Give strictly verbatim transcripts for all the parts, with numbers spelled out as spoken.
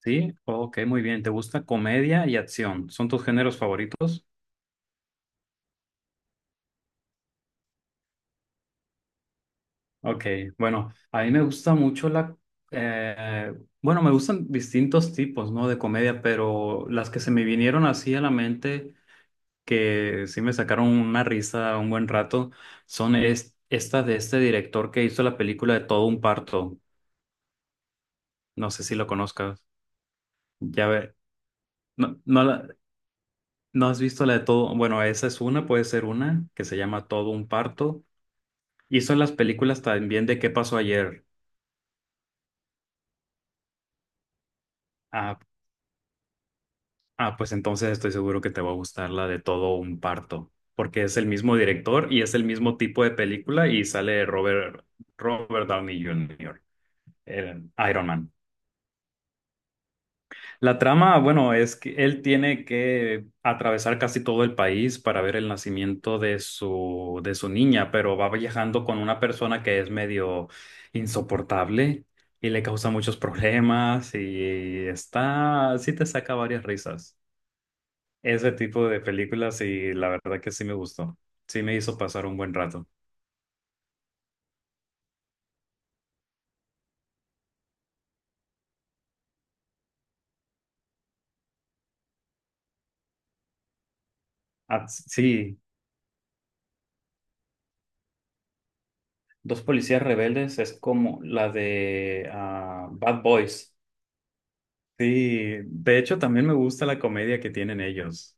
Sí, ok, muy bien. ¿Te gusta comedia y acción? ¿Son tus géneros favoritos? Ok, bueno, a mí me gusta mucho la... eh, bueno, me gustan distintos tipos, ¿no? De comedia, pero las que se me vinieron así a la mente, que sí me sacaron una risa un buen rato, son es- estas de este director que hizo la película de Todo un parto. No sé si lo conozcas. Ya ver, no, no, la- no has visto la de Todo... Bueno, esa es una, puede ser una, que se llama Todo un parto. Hizo las películas también de ¿Qué pasó ayer? Ah, ah, pues entonces estoy seguro que te va a gustar la de Todo un parto, porque es el mismo director y es el mismo tipo de película y sale Robert, Robert Downey junior, el Iron Man. La trama, bueno, es que él tiene que atravesar casi todo el país para ver el nacimiento de su, de su niña, pero va viajando con una persona que es medio insoportable y le causa muchos problemas y está, sí te saca varias risas. Ese tipo de películas y la verdad que sí me gustó. Sí me hizo pasar un buen rato. Ah, sí, Dos policías rebeldes es como la de ah, Bad Boys. Sí, de hecho también me gusta la comedia que tienen ellos,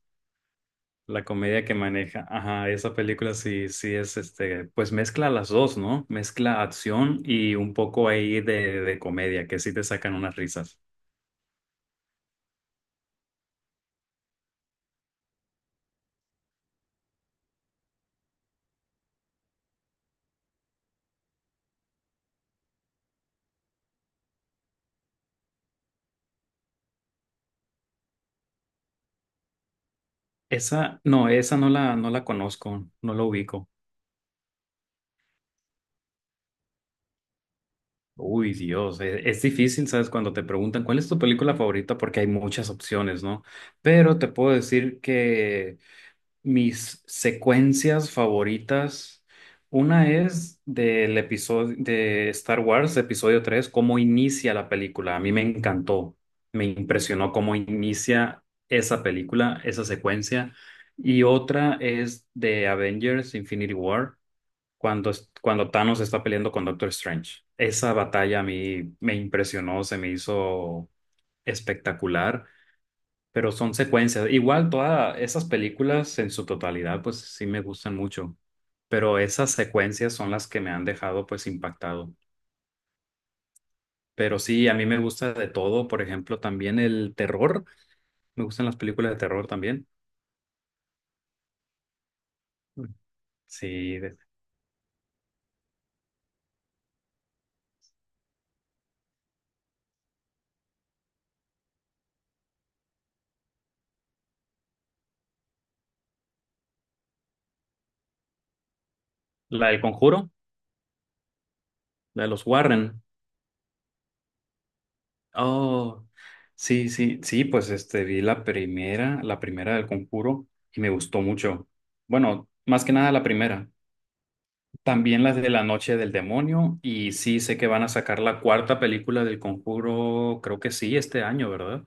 la comedia que maneja. Ajá, esa película sí, sí es este, pues mezcla las dos, ¿no? Mezcla acción y un poco ahí de, de comedia, que sí te sacan unas risas. Esa, no, esa no la, no la conozco, no la ubico. Uy, Dios, e- es, difícil, ¿sabes? Cuando te preguntan cuál es tu película favorita, porque hay muchas opciones, ¿no? Pero te puedo decir que mis secuencias favoritas, una es del episodio de Star Wars, episodio tres cómo inicia la película. A mí me encantó, me impresionó cómo inicia esa película, esa secuencia. Y otra es de Avengers Infinity War, cuando, es- cuando Thanos está peleando con Doctor Strange. Esa batalla a mí me impresionó, se me hizo espectacular, pero son secuencias. Igual todas esas películas en su totalidad, pues sí me gustan mucho, pero esas secuencias son las que me han dejado pues impactado. Pero sí, a mí me gusta de todo, por ejemplo, también el terror, me gustan las películas de terror también. Sí, de- la del Conjuro, la de los Warren. Oh, sí, sí, sí, pues este vi la primera, la primera del Conjuro y me gustó mucho. Bueno, más que nada la primera. También las de La Noche del Demonio. Y sí, sé que van a sacar la cuarta película del Conjuro, creo que sí, este año, ¿verdad?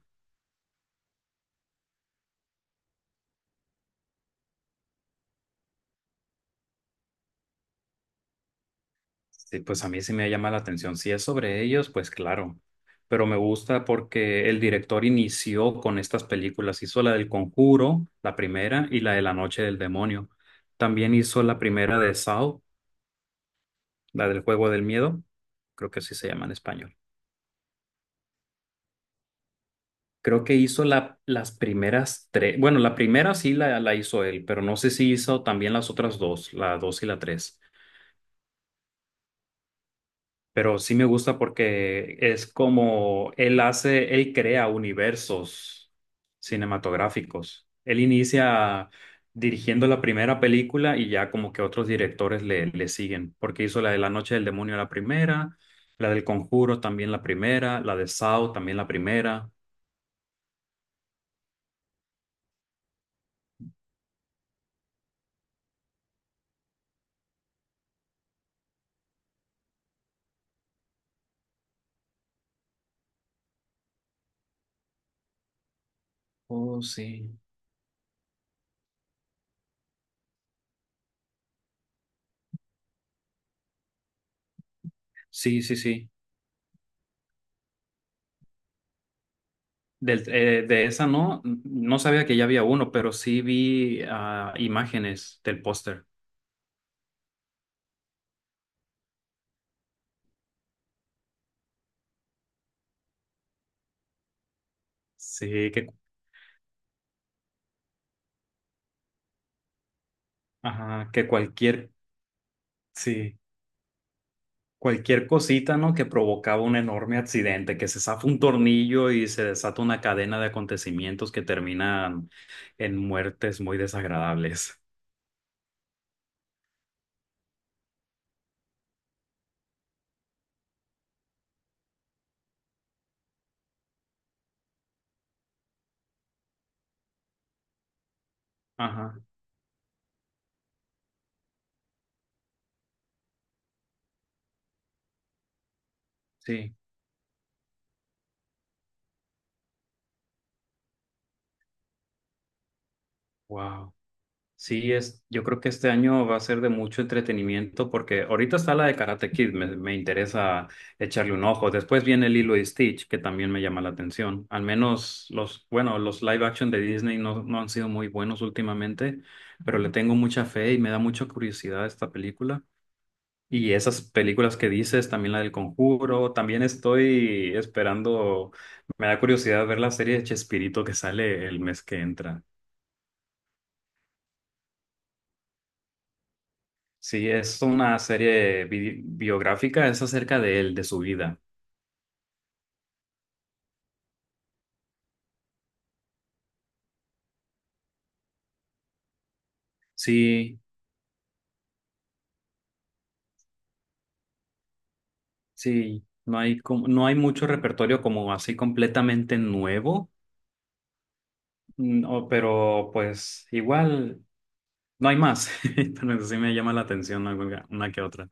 Sí, pues a mí sí me llama la atención. Si es sobre ellos, pues claro. Pero me gusta porque el director inició con estas películas. Hizo la del Conjuro, la primera, y la de La Noche del Demonio. También hizo la primera de Saw, la del Juego del Miedo. Creo que sí se llama en español. Creo que hizo la, las primeras tres. Bueno, la primera sí la, la hizo él, pero no sé si hizo también las otras dos, la dos y la tres. Pero sí me gusta porque es como él hace, él crea universos cinematográficos. Él inicia dirigiendo la primera película y ya como que otros directores le, le siguen, porque hizo la de La Noche del Demonio la primera, la del Conjuro también la primera, la de Saw también la primera. Oh, sí. Sí, sí, sí. Del, eh, de esa no, no sabía que ya había uno, pero sí vi ah, imágenes del póster. Sí, que, ajá, que cualquier, sí, cualquier cosita, ¿no? Que provocaba un enorme accidente, que se zafa un tornillo y se desata una cadena de acontecimientos que terminan en muertes muy desagradables. Ajá, sí, wow. Sí, es, yo creo que este año va a ser de mucho entretenimiento porque ahorita está la de Karate Kid, me, me interesa echarle un ojo. Después viene Lilo y Stitch, que también me llama la atención. Al menos los, bueno, los live action de Disney no, no han sido muy buenos últimamente, pero le tengo mucha fe y me da mucha curiosidad esta película. Y esas películas que dices, también la del Conjuro, también estoy esperando, me da curiosidad ver la serie de Chespirito que sale el mes que entra. Sí, es una serie bi- biográfica, es acerca de él, de su vida. Sí, sí, no hay, como, no hay mucho repertorio como así completamente nuevo, no, pero pues igual no hay más. Pero sí me llama la atención, ¿no? alguna- una que otra.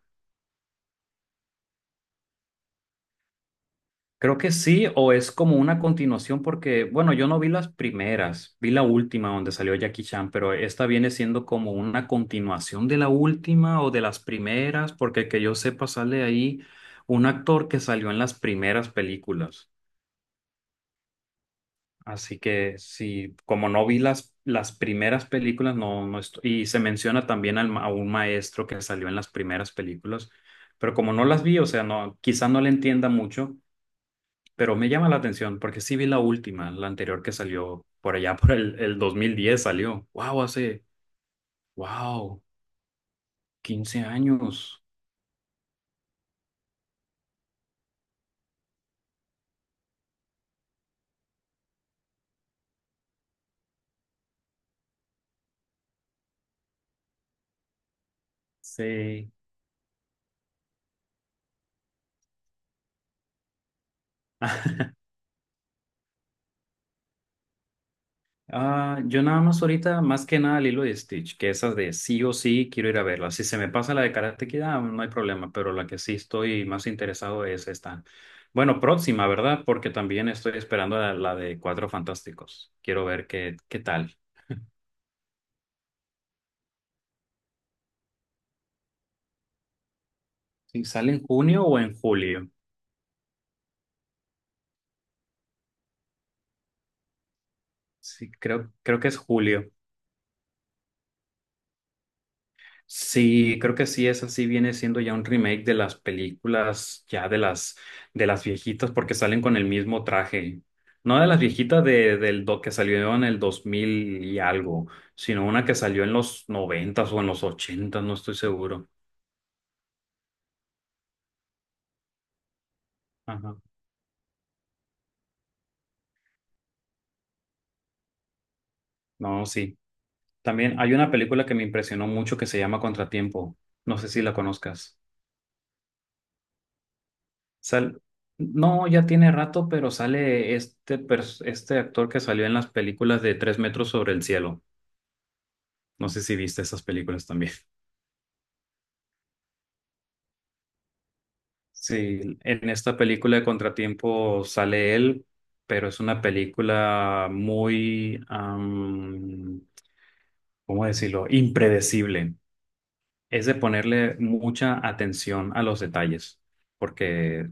Creo que sí, o es como una continuación porque, bueno, yo no vi las primeras, vi la última donde salió Jackie Chan, pero esta viene siendo como una continuación de la última o de las primeras, porque que yo sepa sale ahí un actor que salió en las primeras películas. Así que sí, como no vi las, las primeras películas, no, no estoy, y se menciona también al ma- a un maestro que salió en las primeras películas, pero como no las vi, o sea, no, quizá no le entienda mucho, pero me llama la atención porque sí vi la última, la anterior que salió por allá por el, el dos mil diez salió. Wow, hace, wow, quince años. Sí. Ah, yo nada más ahorita, más que nada Lilo y Stitch, que esas de sí o sí quiero ir a verla. Si se me pasa la de Karate Kid, ah, no hay problema, pero la que sí estoy más interesado es esta. Bueno, próxima, ¿verdad? Porque también estoy esperando la, la de Cuatro Fantásticos. Quiero ver qué, qué tal. Si sale en junio o en julio. Sí, creo, creo que es julio. Sí, creo que sí, esa sí viene siendo ya un remake de las películas ya de las de las viejitas porque salen con el mismo traje. No de las viejitas de, del do- que salió en el dos mil y algo, sino una que salió en los noventa o en los ochenta, no estoy seguro. Ajá. No, sí. También hay una película que me impresionó mucho que se llama Contratiempo. No sé si la conozcas. Sal no, ya tiene rato, pero sale este, pers- este actor que salió en las películas de Tres metros sobre el cielo. No sé si viste esas películas también. Sí, en esta película de Contratiempo sale él, pero es una película muy, am, ¿cómo decirlo? Impredecible. Es de ponerle mucha atención a los detalles, porque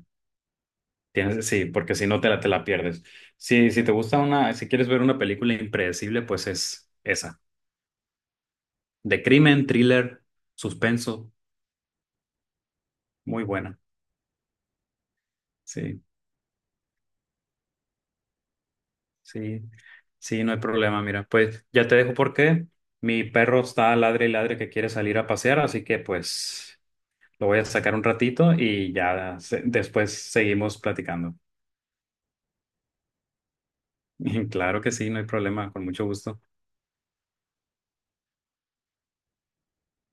tienes, sí, porque si no te la, te la pierdes. Si, si te gusta una, si quieres ver una película impredecible, pues es esa. De crimen, thriller, suspenso, muy buena. Sí. Sí, sí, no hay problema. Mira, pues ya te dejo porque mi perro está ladre y ladre que quiere salir a pasear, así que pues lo voy a sacar un ratito y ya se- después seguimos platicando. Claro que sí, no hay problema, con mucho gusto.